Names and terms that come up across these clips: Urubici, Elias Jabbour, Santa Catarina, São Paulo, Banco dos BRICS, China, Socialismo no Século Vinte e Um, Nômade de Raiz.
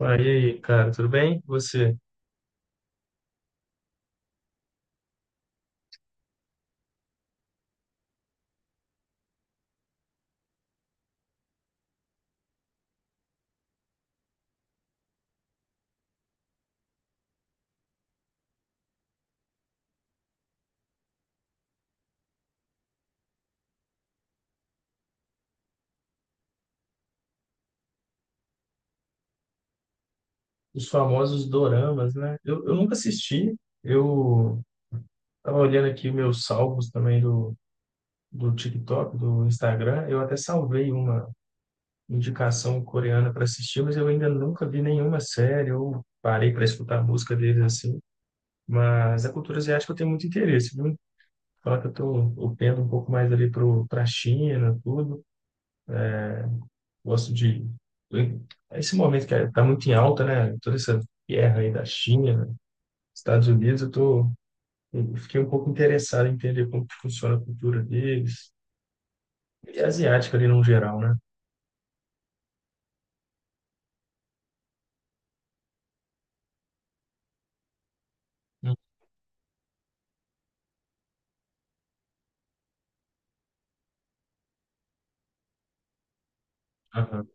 Ah, e aí, cara, tudo bem? Você? Os famosos doramas, né? Eu nunca assisti. Eu tava olhando aqui meus salvos também do TikTok, do Instagram. Eu até salvei uma indicação coreana para assistir, mas eu ainda nunca vi nenhuma série. Eu parei para escutar a música deles assim. Mas a cultura asiática eu tenho muito interesse, viu? Só que eu tô, Eu pendo um pouco mais ali pra China, tudo. Gosto de. Esse momento tá muito em alta, né? Toda essa guerra aí da China, Estados Unidos. Eu fiquei um pouco interessado em entender como que funciona a cultura deles. E asiática ali no geral, né? Hum. Aham,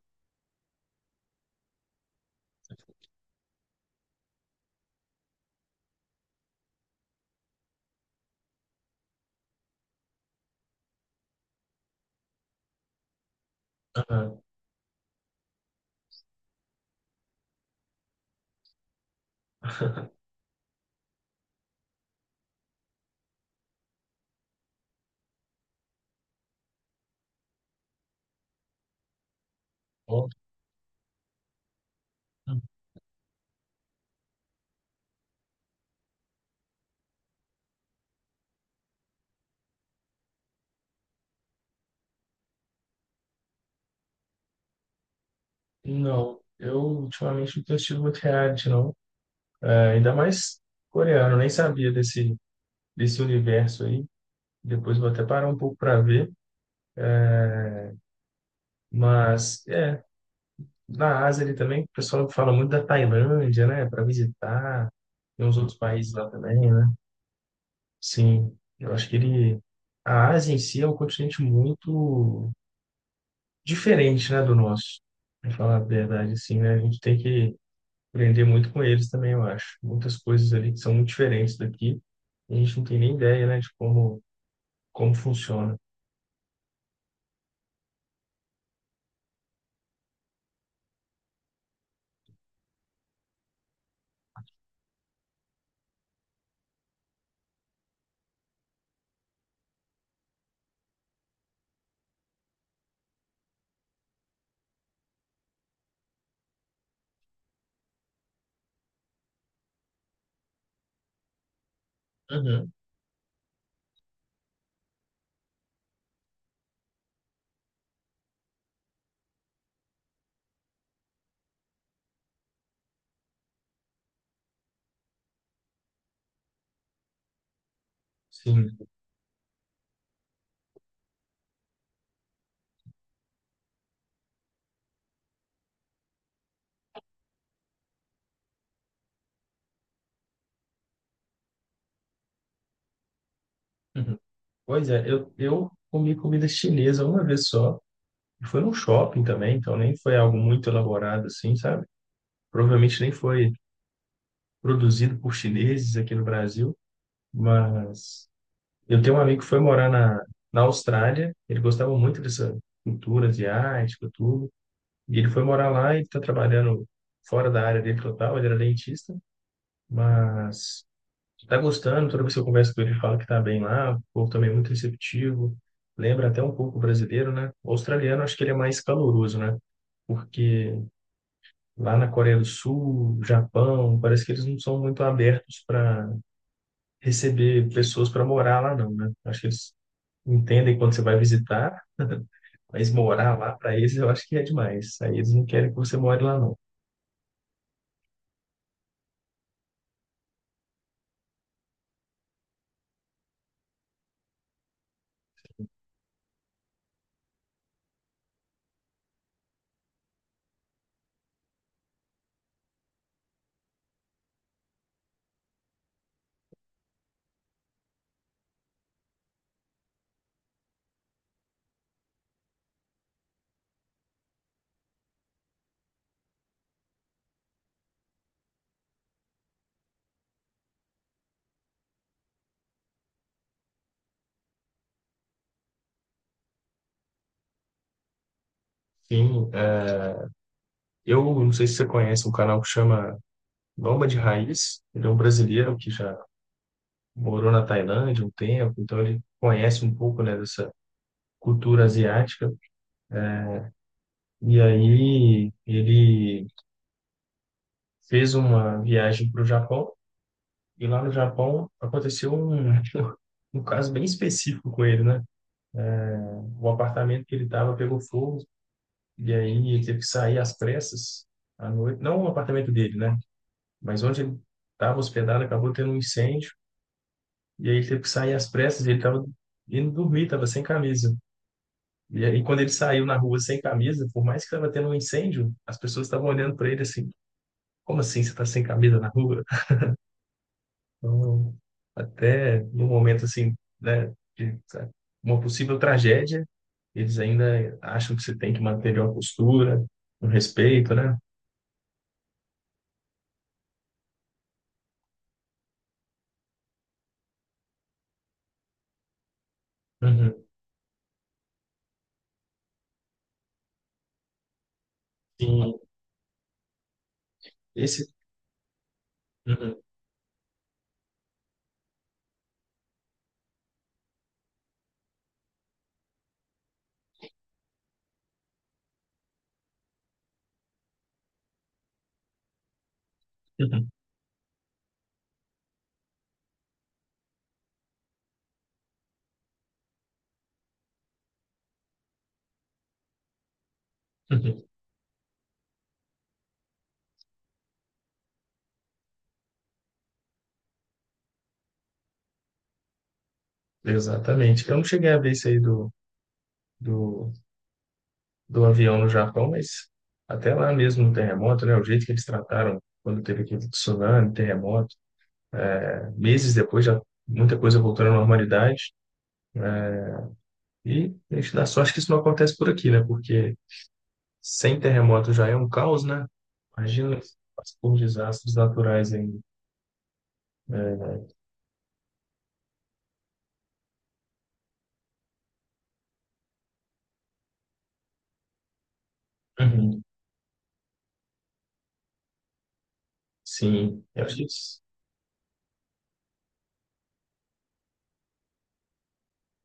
aham. Bom. Não, eu ultimamente não tenho assistido muito reality, não. É, ainda mais coreano, nem sabia desse universo aí. Depois vou até parar um pouco para ver. Mas, é, na Ásia ali também, o pessoal fala muito da Tailândia, né? Para visitar. Tem uns outros países lá também, né? Sim, eu acho que ele. A Ásia em si é um continente muito diferente, né, do nosso. Pra falar a verdade, assim, né? A gente tem que aprender muito com eles também, eu acho. Muitas coisas ali que são muito diferentes daqui. A gente não tem nem ideia, né, de como, como funciona. Uhum. Sim. Uhum. Pois é, eu comi comida chinesa uma vez só. E foi num shopping também, então nem foi algo muito elaborado assim, sabe? Provavelmente nem foi produzido por chineses aqui no Brasil, mas eu tenho um amigo que foi morar na Austrália. Ele gostava muito dessa cultura asiática, tudo, e ele foi morar lá e está trabalhando fora da área dele total, ele era dentista, mas está gostando. Toda vez que eu converso com ele, ele fala que está bem lá, o povo também é muito receptivo, lembra até um pouco o brasileiro, né? O australiano acho que ele é mais caloroso, né? Porque lá na Coreia do Sul, Japão, parece que eles não são muito abertos para receber pessoas para morar lá, não, né? Acho que eles entendem quando você vai visitar, mas morar lá para eles eu acho que é demais. Aí eles não querem que você more lá, não. Enfim, é, eu não sei se você conhece um canal que chama Nômade de Raiz. Ele é um brasileiro que já morou na Tailândia um tempo, então ele conhece um pouco, né, dessa cultura asiática. E aí ele fez uma viagem para o Japão. E lá no Japão aconteceu um, um caso bem específico com ele, né? O apartamento que ele estava pegou fogo. E aí ele teve que sair às pressas à noite, não o apartamento dele, né? Mas onde ele estava hospedado acabou tendo um incêndio. E aí ele teve que sair às pressas, e ele estava indo dormir, estava sem camisa. E aí quando ele saiu na rua sem camisa, por mais que estava tendo um incêndio, as pessoas estavam olhando para ele assim: como assim você está sem camisa na rua? Então, até no momento assim, né, de sabe, uma possível tragédia, eles ainda acham que você tem que manter uma postura, um respeito, né? Uhum. Sim, esse uhum, uhum, uhum. Exatamente. Eu não cheguei a ver isso aí do, do avião no Japão, mas até lá mesmo no terremoto, né? O jeito que eles trataram quando teve aquele tsunami, terremoto, né, meses depois já muita coisa voltando à normalidade. E a gente dá sorte que isso não acontece por aqui, né? Porque sem terremoto já é um caos, né? Imagina por desastres naturais aí. Uhum. Sim, eu acho que,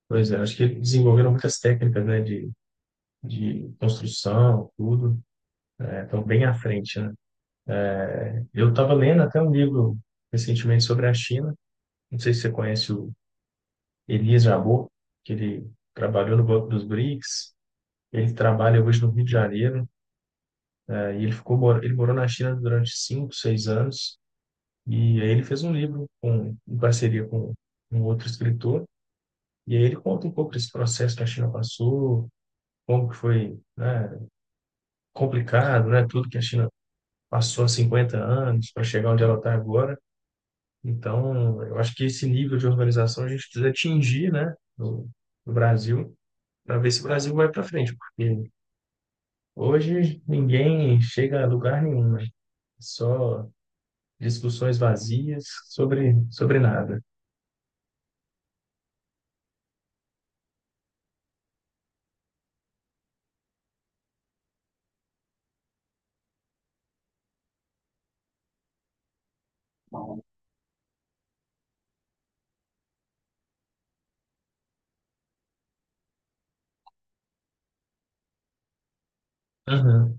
pois é, acho que eles desenvolveram muitas técnicas, né, de construção, tudo. Estão bem à frente, né? Eu estava lendo até um livro recentemente sobre a China. Não sei se você conhece o Elias Jabbour, que ele trabalhou no Banco dos BRICS. Ele trabalha hoje no Rio de Janeiro. E ele morou na China durante cinco, seis anos. E aí ele fez um livro com, em parceria com um outro escritor. E aí ele conta um pouco desse processo que a China passou, como que foi, né, complicado, né? Tudo que a China passou há 50 anos para chegar onde ela está agora. Então, eu acho que esse nível de organização a gente precisa atingir, né, no Brasil, para ver se o Brasil vai para frente, porque hoje ninguém chega a lugar nenhum, né? Só discussões vazias sobre nada. Uhum.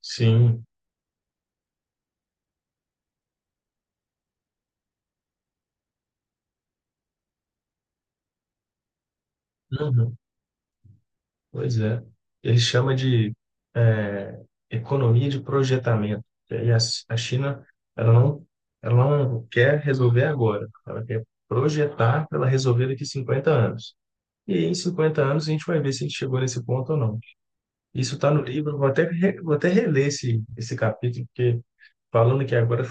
Sim, uhum. Pois é. Ele chama de é, economia de projetamento. E aí a China, ela não, ela não quer resolver agora, ela quer projetar para ela resolver daqui 50 anos. E aí, em 50 anos, a gente vai ver se a gente chegou nesse ponto ou não. Isso está no livro, eu vou até, vou até reler esse capítulo, porque falando aqui agora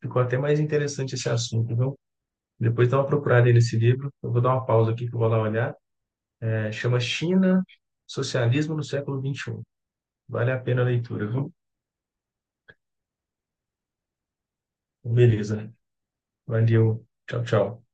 ficou até mais interessante esse assunto, viu? Depois dá uma procurada aí nesse livro, eu vou dar uma pausa aqui que eu vou lá olhar. É, chama China, Socialismo no Século 21. Vale a pena a leitura, viu? Beleza, valeu, tchau, tchau.